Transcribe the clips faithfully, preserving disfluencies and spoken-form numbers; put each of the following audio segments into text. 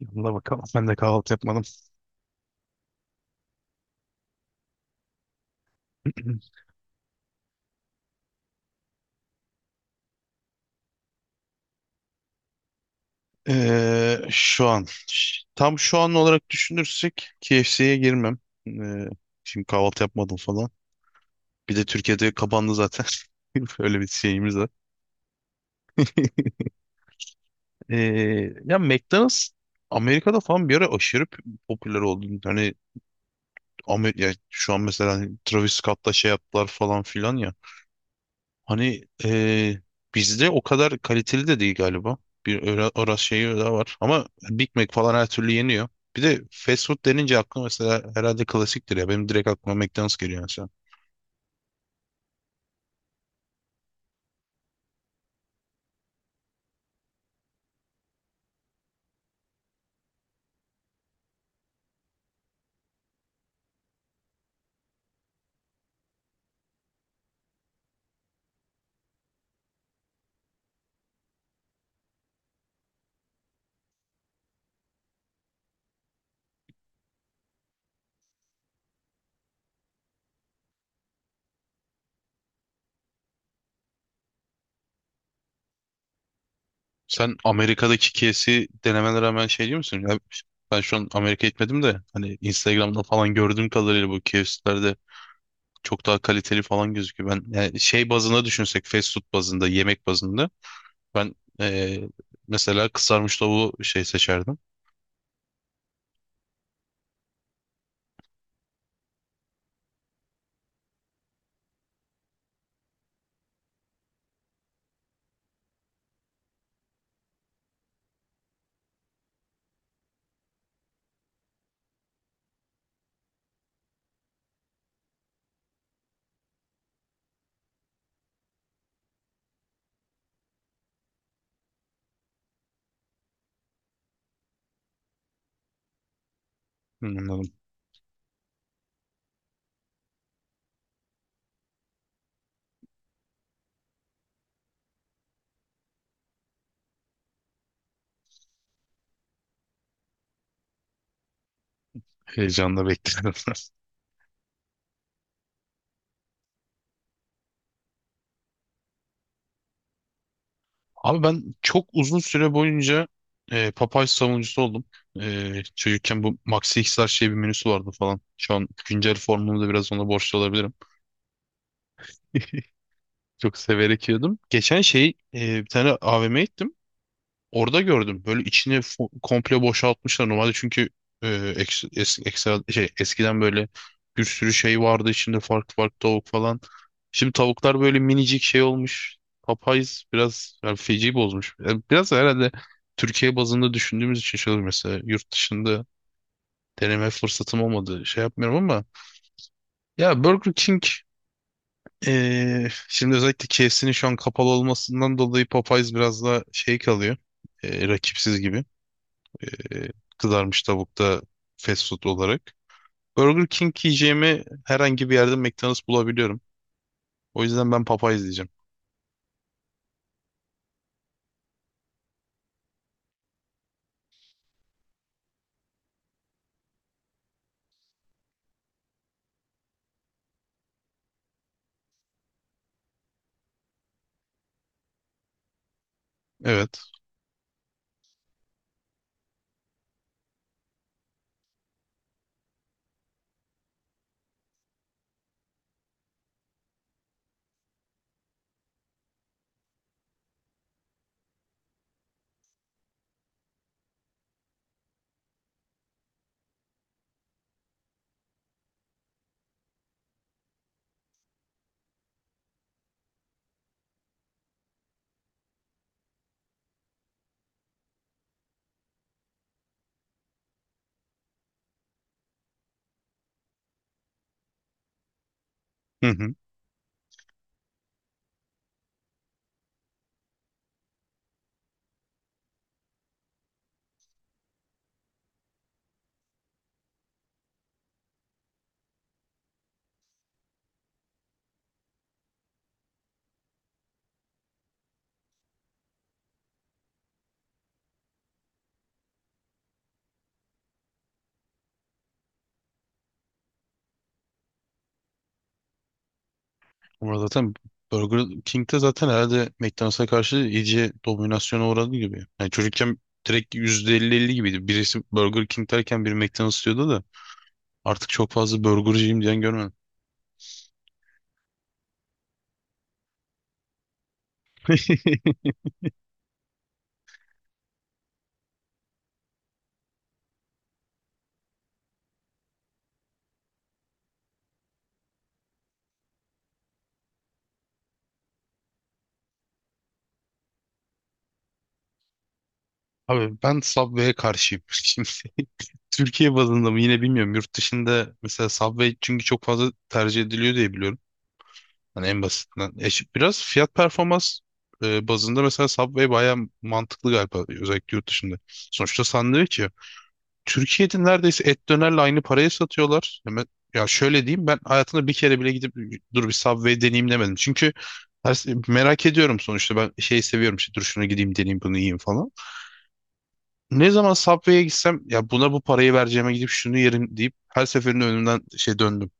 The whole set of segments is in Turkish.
Yanına bakalım. Ben de kahvaltı yapmadım. Ee, şu an. Tam şu an olarak düşünürsek K F C'ye girmem. Ee, şimdi kahvaltı yapmadım falan. Bir de Türkiye'de kapandı zaten. Öyle bir şeyimiz var. Ee, ya McDonald's Amerika'da falan bir ara aşırı p- popüler oldu. Hani Amer ya şu an mesela hani Travis Scott'la şey yaptılar falan filan ya. Hani eee, bizde o kadar kaliteli de değil galiba. Bir ora- orası şeyi daha var. Ama Big Mac falan her türlü yeniyor. Bir de fast food denince aklıma mesela herhalde klasiktir ya. Benim direkt aklıma McDonald's geliyor mesela. Sen Amerika'daki kesi denemelere hemen şey diyor musun? Ya ben şu an Amerika gitmedim de hani Instagram'da falan gördüğüm kadarıyla bu K F C'lerde çok daha kaliteli falan gözüküyor. Ben yani şey bazında düşünsek fast food bazında, yemek bazında ben eee, mesela kızarmış tavuğu şey seçerdim. Hmm, anladım. Heyecanla bekledim. Abi ben çok uzun süre boyunca e, Popeye savunucusu oldum. E, çocukken bu Maxi X'ler şey bir menüsü vardı falan. Şu an güncel formumu da biraz ona borçlu olabilirim. Çok severek yiyordum. Geçen şey e, bir tane A V M'ye gittim. Orada gördüm. Böyle içini fo- komple boşaltmışlar. Normalde çünkü e, eks- es- ekstra, şey, eskiden böyle bir sürü şey vardı içinde farklı farklı tavuk falan. Şimdi tavuklar böyle minicik şey olmuş. Popeyes biraz yani feci bozmuş. Yani biraz da herhalde Türkiye bazında düşündüğümüz için şöyle mesela yurt dışında deneme fırsatım olmadı. Şey yapmıyorum ama ya Burger King e, şimdi özellikle K F C'nin şu an kapalı olmasından dolayı Popeyes biraz daha şey kalıyor. E, rakipsiz gibi. Ee, kızarmış tavukta fast food olarak. Burger King yiyeceğimi herhangi bir yerde McDonald's bulabiliyorum. O yüzden ben Popeyes diyeceğim. Evet. Hı hı. Ama zaten Burger King'de zaten herhalde McDonald's'a karşı iyice dominasyona uğradı gibi. Yani çocukken direkt yüzde elli-elli gibiydi. Birisi Burger King derken biri McDonald's diyordu da artık çok fazla burgerciyim diyen görmedim. Abi ben Subway'e karşıyım. Şimdi Türkiye bazında mı yine bilmiyorum. Yurt dışında mesela Subway çünkü çok fazla tercih ediliyor diye biliyorum. Hani en basitinden. E, şi- biraz fiyat performans e, bazında mesela Subway bayağı mantıklı galiba özellikle yurt dışında. Sonuçta sandviç ya. Türkiye'de neredeyse et dönerle aynı paraya satıyorlar. Hemen, ya şöyle diyeyim, ben hayatımda bir kere bile gidip dur bir Subway deneyeyim demedim. Çünkü her- merak ediyorum sonuçta, ben şey seviyorum işte, dur şuna gideyim deneyeyim bunu yiyeyim falan. Ne zaman Subway'e gitsem ya buna bu parayı vereceğime gidip şunu yerim deyip her seferinde önümden şey döndüm.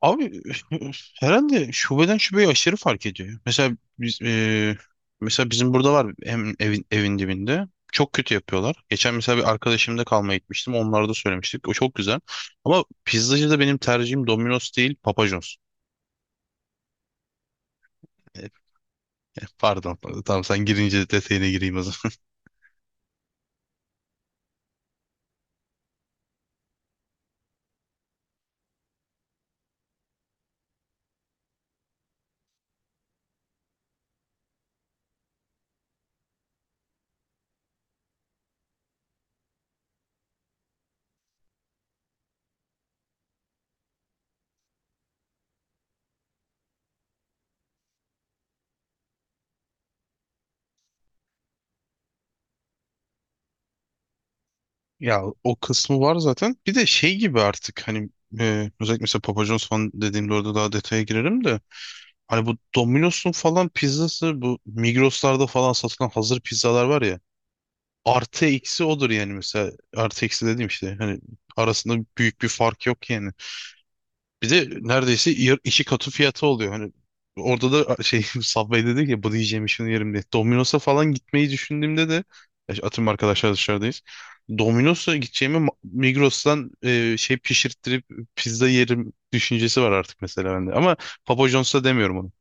Abi herhalde şubeden şubeye aşırı fark ediyor. Mesela biz e, mesela bizim burada var hem evin, evin dibinde. Çok kötü yapıyorlar. Geçen mesela bir arkadaşımda kalmaya gitmiştim. Onlara da söylemiştik. O çok güzel. Ama pizzacı da benim tercihim Domino's değil, Papa John's. E, Pardon. Tamam, sen girince detayına gireyim o. Ya, o kısmı var zaten. Bir de şey gibi artık, hani e, özellikle mesela Papa John's falan dediğimde orada daha detaya girerim de, hani bu Domino's'un falan pizzası, bu Migros'larda falan satılan hazır pizzalar var ya, artı eksi odur yani. Mesela artı eksi dediğim, işte hani arasında büyük bir fark yok yani. Bir de neredeyse yar- iki katı fiyatı oluyor. Hani orada da şey Subway dedi ki, bu diyeceğim şunu yerim diye. Domino's'a falan gitmeyi düşündüğümde de ya, işte atıyorum arkadaşlar dışarıdayız. Domino's'a gideceğime Ma- Migros'tan e, şey pişirttirip pizza yerim düşüncesi var artık mesela bende. Ama Papa John's'a demiyorum onu.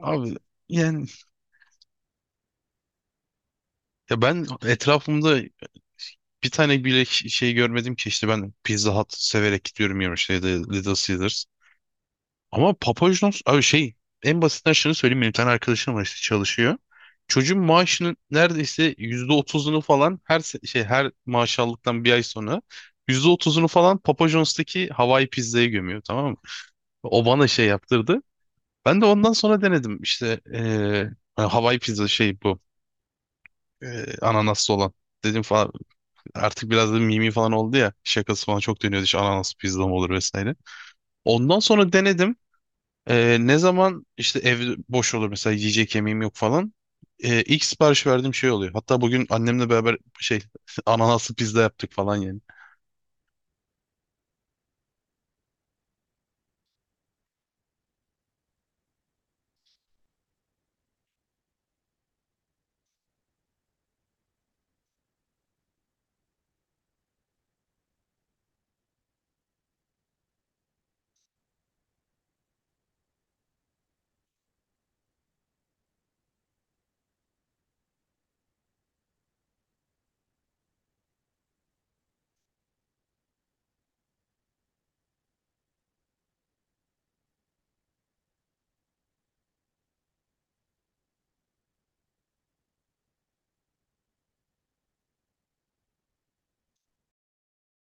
Abi yani, ya ben etrafımda bir tane bile ş- şey görmedim ki, işte ben Pizza Hut severek gidiyorum yemişte, ya da işte Little Caesars. Ama Papajnos abi şey, en basitinden şunu söyleyeyim, benim bir tane arkadaşım var işte, çalışıyor. Çocuğun maaşının neredeyse yüzde otuzunu falan her se- şey her maaş aldıktan bir ay sonra yüzde otuzunu falan Papa John's'taki Hawaii pizzaya gömüyor, tamam mı? O bana şey yaptırdı. Ben de ondan sonra denedim işte eee yani Hawaii pizza şey bu eee, ananaslı olan. Dedim falan, artık biraz da mimi falan oldu ya, şakası falan çok dönüyordu işte, ananas pizza mı olur vesaire. Ondan sonra denedim. Ee, ne zaman işte ev boş olur mesela, yiyecek yemeğim yok falan, Ee, ilk sipariş verdiğim şey oluyor. Hatta bugün annemle beraber şey ananaslı pizza yaptık falan yani.